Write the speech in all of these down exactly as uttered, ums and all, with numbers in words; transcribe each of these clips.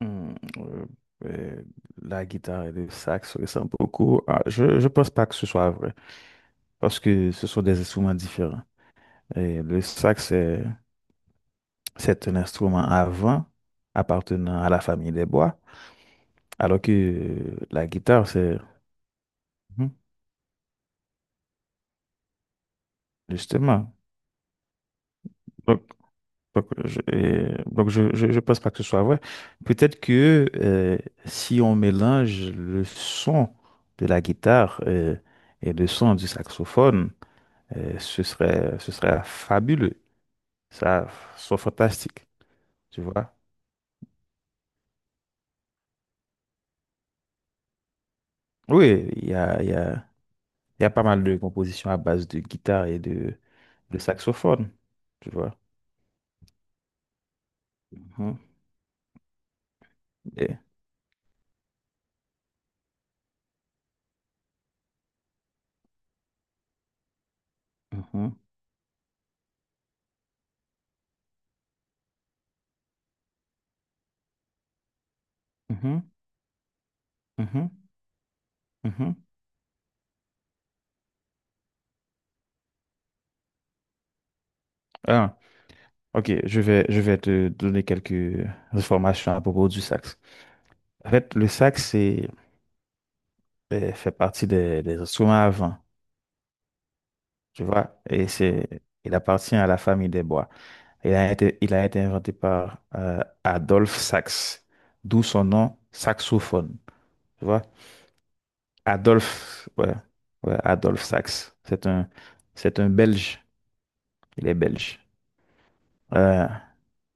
Hmm, euh, euh, la guitare et le sax se ressemblent beaucoup. Ah, je je pense pas que ce soit vrai parce que ce sont des instruments différents. Et le sax, c'est c'est un instrument avant appartenant à la famille des bois, alors que euh, la guitare, c'est. Mhm, justement. Donc, donc, je, et- donc je, je, je pense pas que ce soit vrai. Peut-être que euh, si on mélange le son de la guitare, euh, et le son du saxophone, Euh, ce serait, ce serait fabuleux. Ça ce serait fantastique, tu vois. Oui, il y a, il y a, il y a pas mal de compositions à base de guitare et de, de saxophone, tu vois. Mhm. Et- mhm, mhm, mhm, mhm. Ah, ok, je vais, je vais te donner quelques informations à propos du sax. En fait, le sax, c'est, euh, fait partie des, des instruments à vent. Tu vois, et c'est, il appartient à la famille des bois. Il a été, il a été inventé par euh, Adolphe Sax, d'où son nom saxophone. Tu vois, Adolphe, ouais, ouais, Adolphe Sax. C'est un, c'est un Belge. Il est belge. Euh,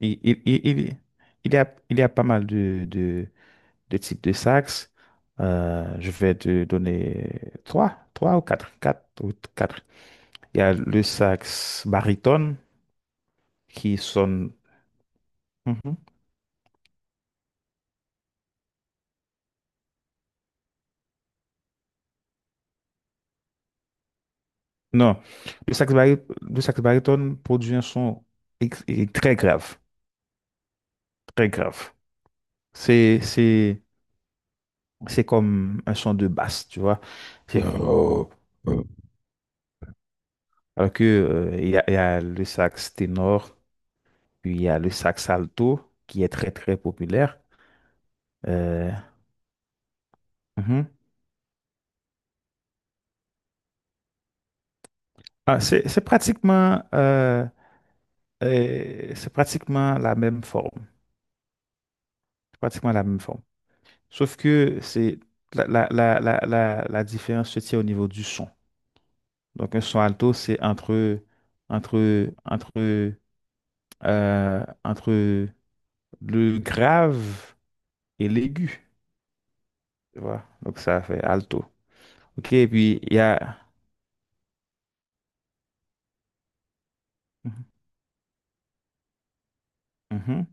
il, il, il, il- il y a, il y a pas mal de, de, de types de sax. Euh, je vais te donner trois, trois ou quatre, quatre ou quatre. Il y a le sax baryton qui sonne. Mhm. Non, le sax bari- le sax baryton produit un son ex- et très grave, très grave. C'est, c'est, c'est comme un son de basse, tu vois. C'est... Alors que, euh, il y a, il y a le sax ténor, puis il y a le sax alto, qui est très, très populaire. Euh, mhm. Ah, c'est, c'est pratiquement, euh, euh, c'est pratiquement la même forme. Pratiquement la même forme. Sauf que c'est la, la, la, la, la, la différence se tient au niveau du son. Donc un son alto, c'est entre, entre, entre, euh, entre le grave et l'aigu. Tu vois? Donc ça fait alto. OK, et puis il y a... Mhm, mhm,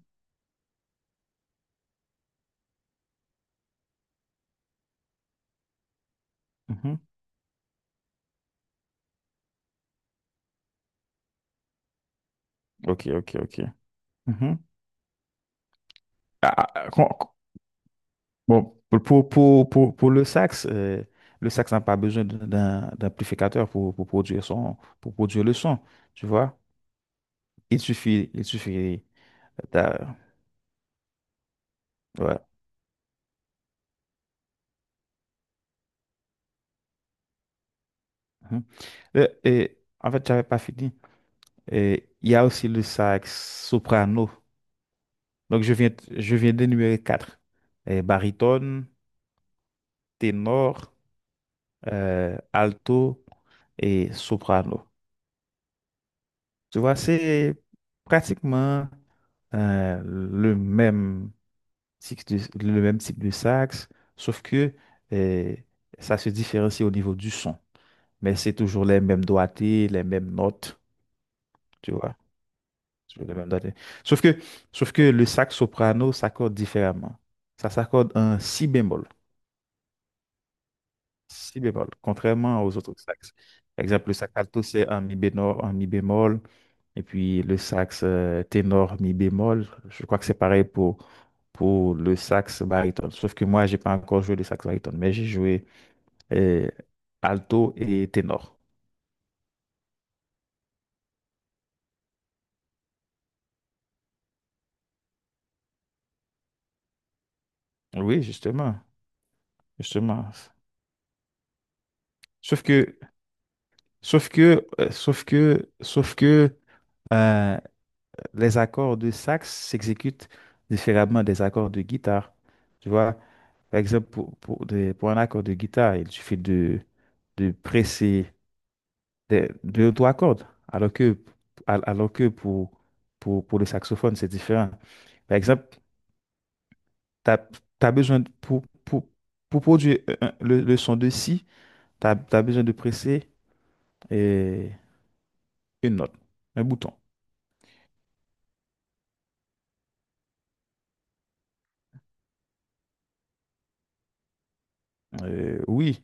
mhm. OK, OK, OK. Mhm. Ah, ah, ah, con- con- bon, pour, pour, pour, pour, pour le sax, euh, le sax n'a pas besoin d'un d'un- d'amplificateur pour, pour produire son, pour produire le son, tu vois? Il suffit, il suffit d'a- ouais. Mhm. Euh, Et, en fait, j'avais pas fini. Et il y a aussi le sax soprano. Donc, je viens, je viens d'énumérer quatre. Et baryton, ténor, euh, alto et soprano. Tu vois, c'est pratiquement euh, le même, cycle de- le même type de sax, sauf que euh, ça se différencie au niveau du son. Mais c'est toujours les mêmes doigtés, les mêmes notes, tu vois. Toujours les mêmes doigtés. Sauf que, sauf que le sax soprano s'accorde différemment. Ça s'accorde en si bémol. Si bémol, contrairement aux autres saxes. Par exemple, le sax alto, c'est un mi bémol, un mi bémol, et puis le sax euh, ténor, mi bémol. Je crois que c'est pareil pour, pour le sax baryton. Sauf que moi, j'ai pas encore joué le sax baryton, mais j'ai joué euh, alto et ténor. Oui, justement, justement. Sauf que, sauf que, euh, sauf que, sauf que, euh, les accords de sax s'exécutent différemment des accords de guitare. Tu vois, par exemple, pour, pour, des- pour un accord de guitare, il suffit de, de presser des- deux ou trois cordes, alors que, al- alors que pour, pour, pour le saxophone, c'est différent. Par exemple, tu as besoin de- pour, pour, pour produire un- un- le, le son de si, tu as besoin de presser euh, une note, un bouton. Euh, oui,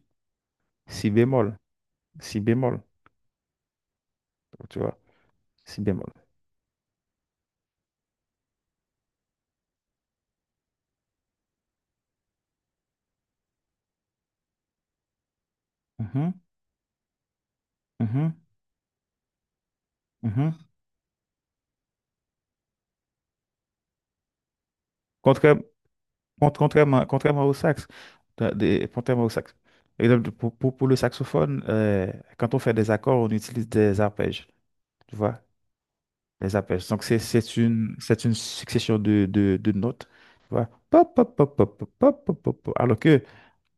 si bémol, si bémol, tu vois, si bémol. Uhum, uhum, uhum. Contra- cont- contrairement, contrairement au sax, t'as des- contrairement au sax. Par exemple, pour, pour, pour le saxophone, euh, quand on fait des accords, on utilise des arpèges, tu vois, les arpèges. Donc c'est c'est une c'est une succession de, de, de notes, tu vois. Pop, pop, pop, pop, pop, pop, pop, pop, pop. Alors que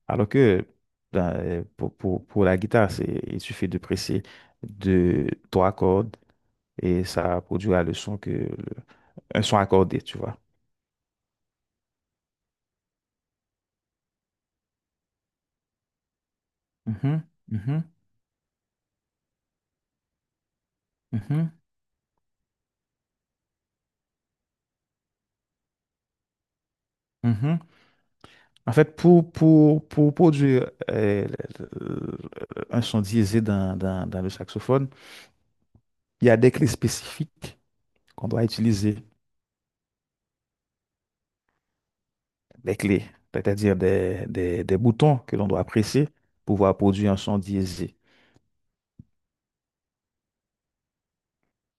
alors que dans, euh, pour, pour, pour la guitare, c'est il suffit de presser de trois cordes et ça produira le son que le- un son accordé, tu vois. Mhm, mhm. Mhm, mhm. En fait, pour, pour, pour produire euh, le- le- le- un son diésé dans, dans, dans le saxophone, il y a des clés spécifiques qu'on doit utiliser, des clés, c'est-à-dire des, des, des boutons que l'on doit presser pour pouvoir produire un son diésé.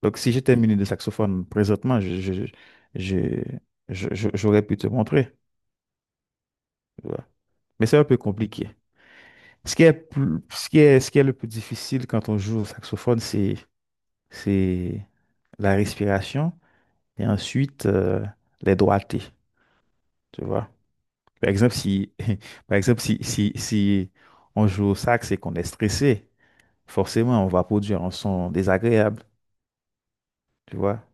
Donc, si j'étais muni de saxophone présentement, je, je- je- je- je- j'aurais pu te montrer. Tu vois. Mais c'est un peu compliqué. Ce qui est, plus- ce qui est, ce qui est le plus difficile quand on joue au saxophone, c'est, c'est la respiration et ensuite euh, les droités, tu vois. Par exemple, si, par exemple, si, si, si on joue au sax et qu'on est stressé, forcément, on va produire un son désagréable, tu vois.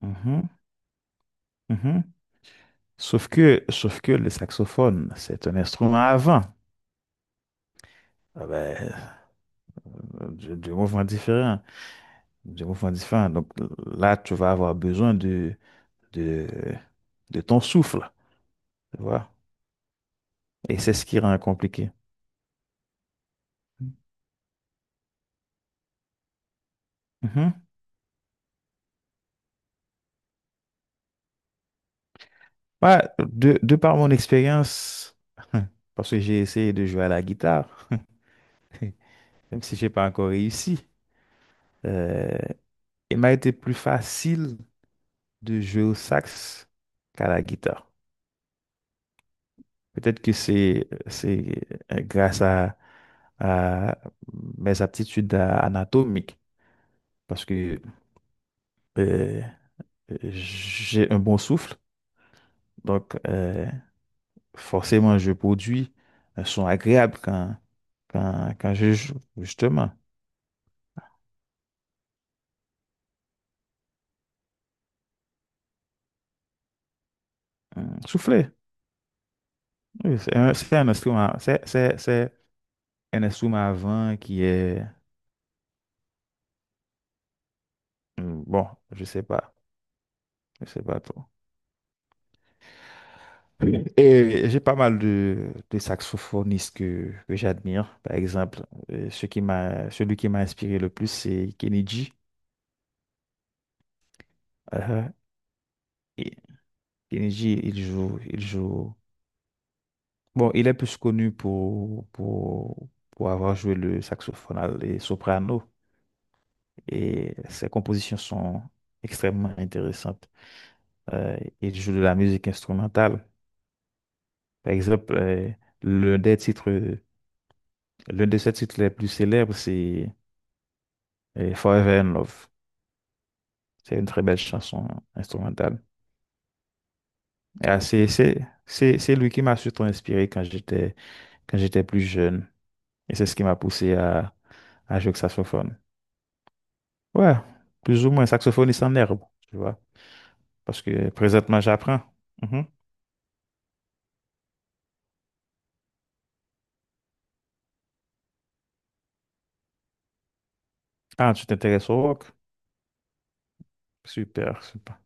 Mhm, mhm. Sauf que, sauf que le saxophone, c'est un instrument à vent. Ah ben, du, du mouvement différent, du mouvement différent. Donc là, tu vas avoir besoin de, de, de ton souffle, tu vois. Et c'est ce qui rend compliqué. Mhm. Ouais, de, de par mon expérience, parce que j'ai essayé de jouer à la guitare, même si j'ai pas encore réussi, euh, il m'a été plus facile de jouer au sax qu'à la guitare. Peut-être que c'est c'est euh, grâce à, à mes aptitudes euh, anatomiques, parce que euh, j'ai un bon souffle, donc euh, forcément je produis un son agréable quand, quand, quand je joue, justement. Hum, Souffler. Oui, C'est un, c'est un instrument, c'est c'est- c'est un instrument à vent qui est, hum, bon, je sais pas, je sais pas trop. Oui. Et j'ai pas mal de, de saxophonistes que, que j'admire. Par exemple, euh, ce qui m'a, celui qui m'a inspiré le plus, c'est Kenny. Euh, et Kenny il joue, il joue. Bon, il est plus connu pour, pour, pour avoir joué le saxophone et soprano. Et ses compositions sont extrêmement intéressantes. Euh, et il joue de la musique instrumentale. Par exemple, euh, l'un des titres, l'un de ses titres les plus célèbres, c'est euh, Forever in Love. C'est une très belle chanson instrumentale. Et, ah, c'est, c'est, c'est, c'est lui qui m'a surtout inspiré quand j'étais, quand j'étais plus jeune. Et c'est ce qui m'a poussé à, à jouer au saxophone. Ouais, plus ou moins saxophoniste en herbe, tu vois. Parce que présentement, j'apprends. Mhm. Ah, tu t'intéresses au rock? Super, super,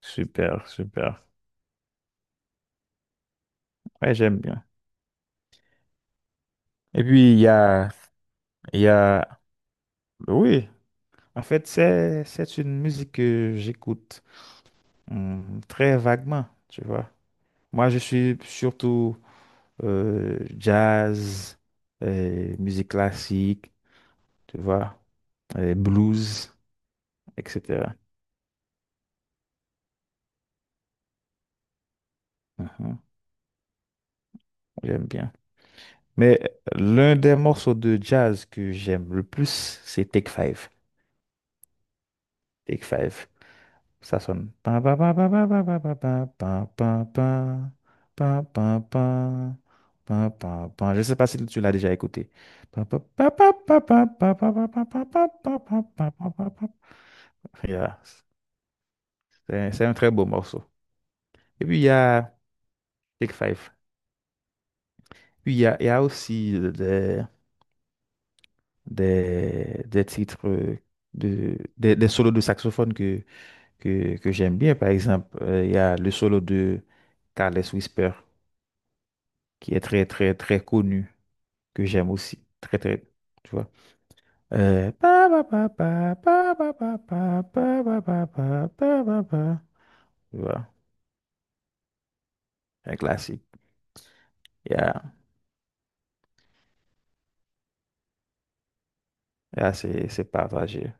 super, super. Ouais, j'aime bien. Et puis, il y a. Il y a... Oui, en fait, c'est, c'est une musique que j'écoute hum, très vaguement, tu vois. Moi, je suis surtout euh, jazz, euh, musique classique, tu vois, euh, blues, et cetera. Mhm, j'aime bien. Mais euh, l'un des morceaux de jazz que j'aime le plus, c'est Take Five. Take Five. Ça sonne. Pin, pin, pin, pin, pin, pin, pin, pin, pin, pin, pin, pin, pin, pin, pin, pin, pin. Je sais pas si tu l'as déjà écouté. Pin, pin, pin, pin, pin, pin, pin, pin, pin, pin, pin, pin, pin, pin, pin, pin, pin, pin. Yeah. C'est c'est un très beau morceau. Et puis il y a Big Five. Puis il y a, il y a aussi des, des, des titres, euh, de, des, des solos de saxophone que, que, que j'aime bien. Par exemple, euh, il y a le solo de Carlos Whisper. Qui est très, très, très connu, que j'aime aussi. Très, très, tu vois. Euh, pa, pa, pa, pa, pa, pa, pa, pa, pa, pa, pa, pa, pa, pa, pa. Voilà, un classique. Yeah, yeah, c'est c'est partagé.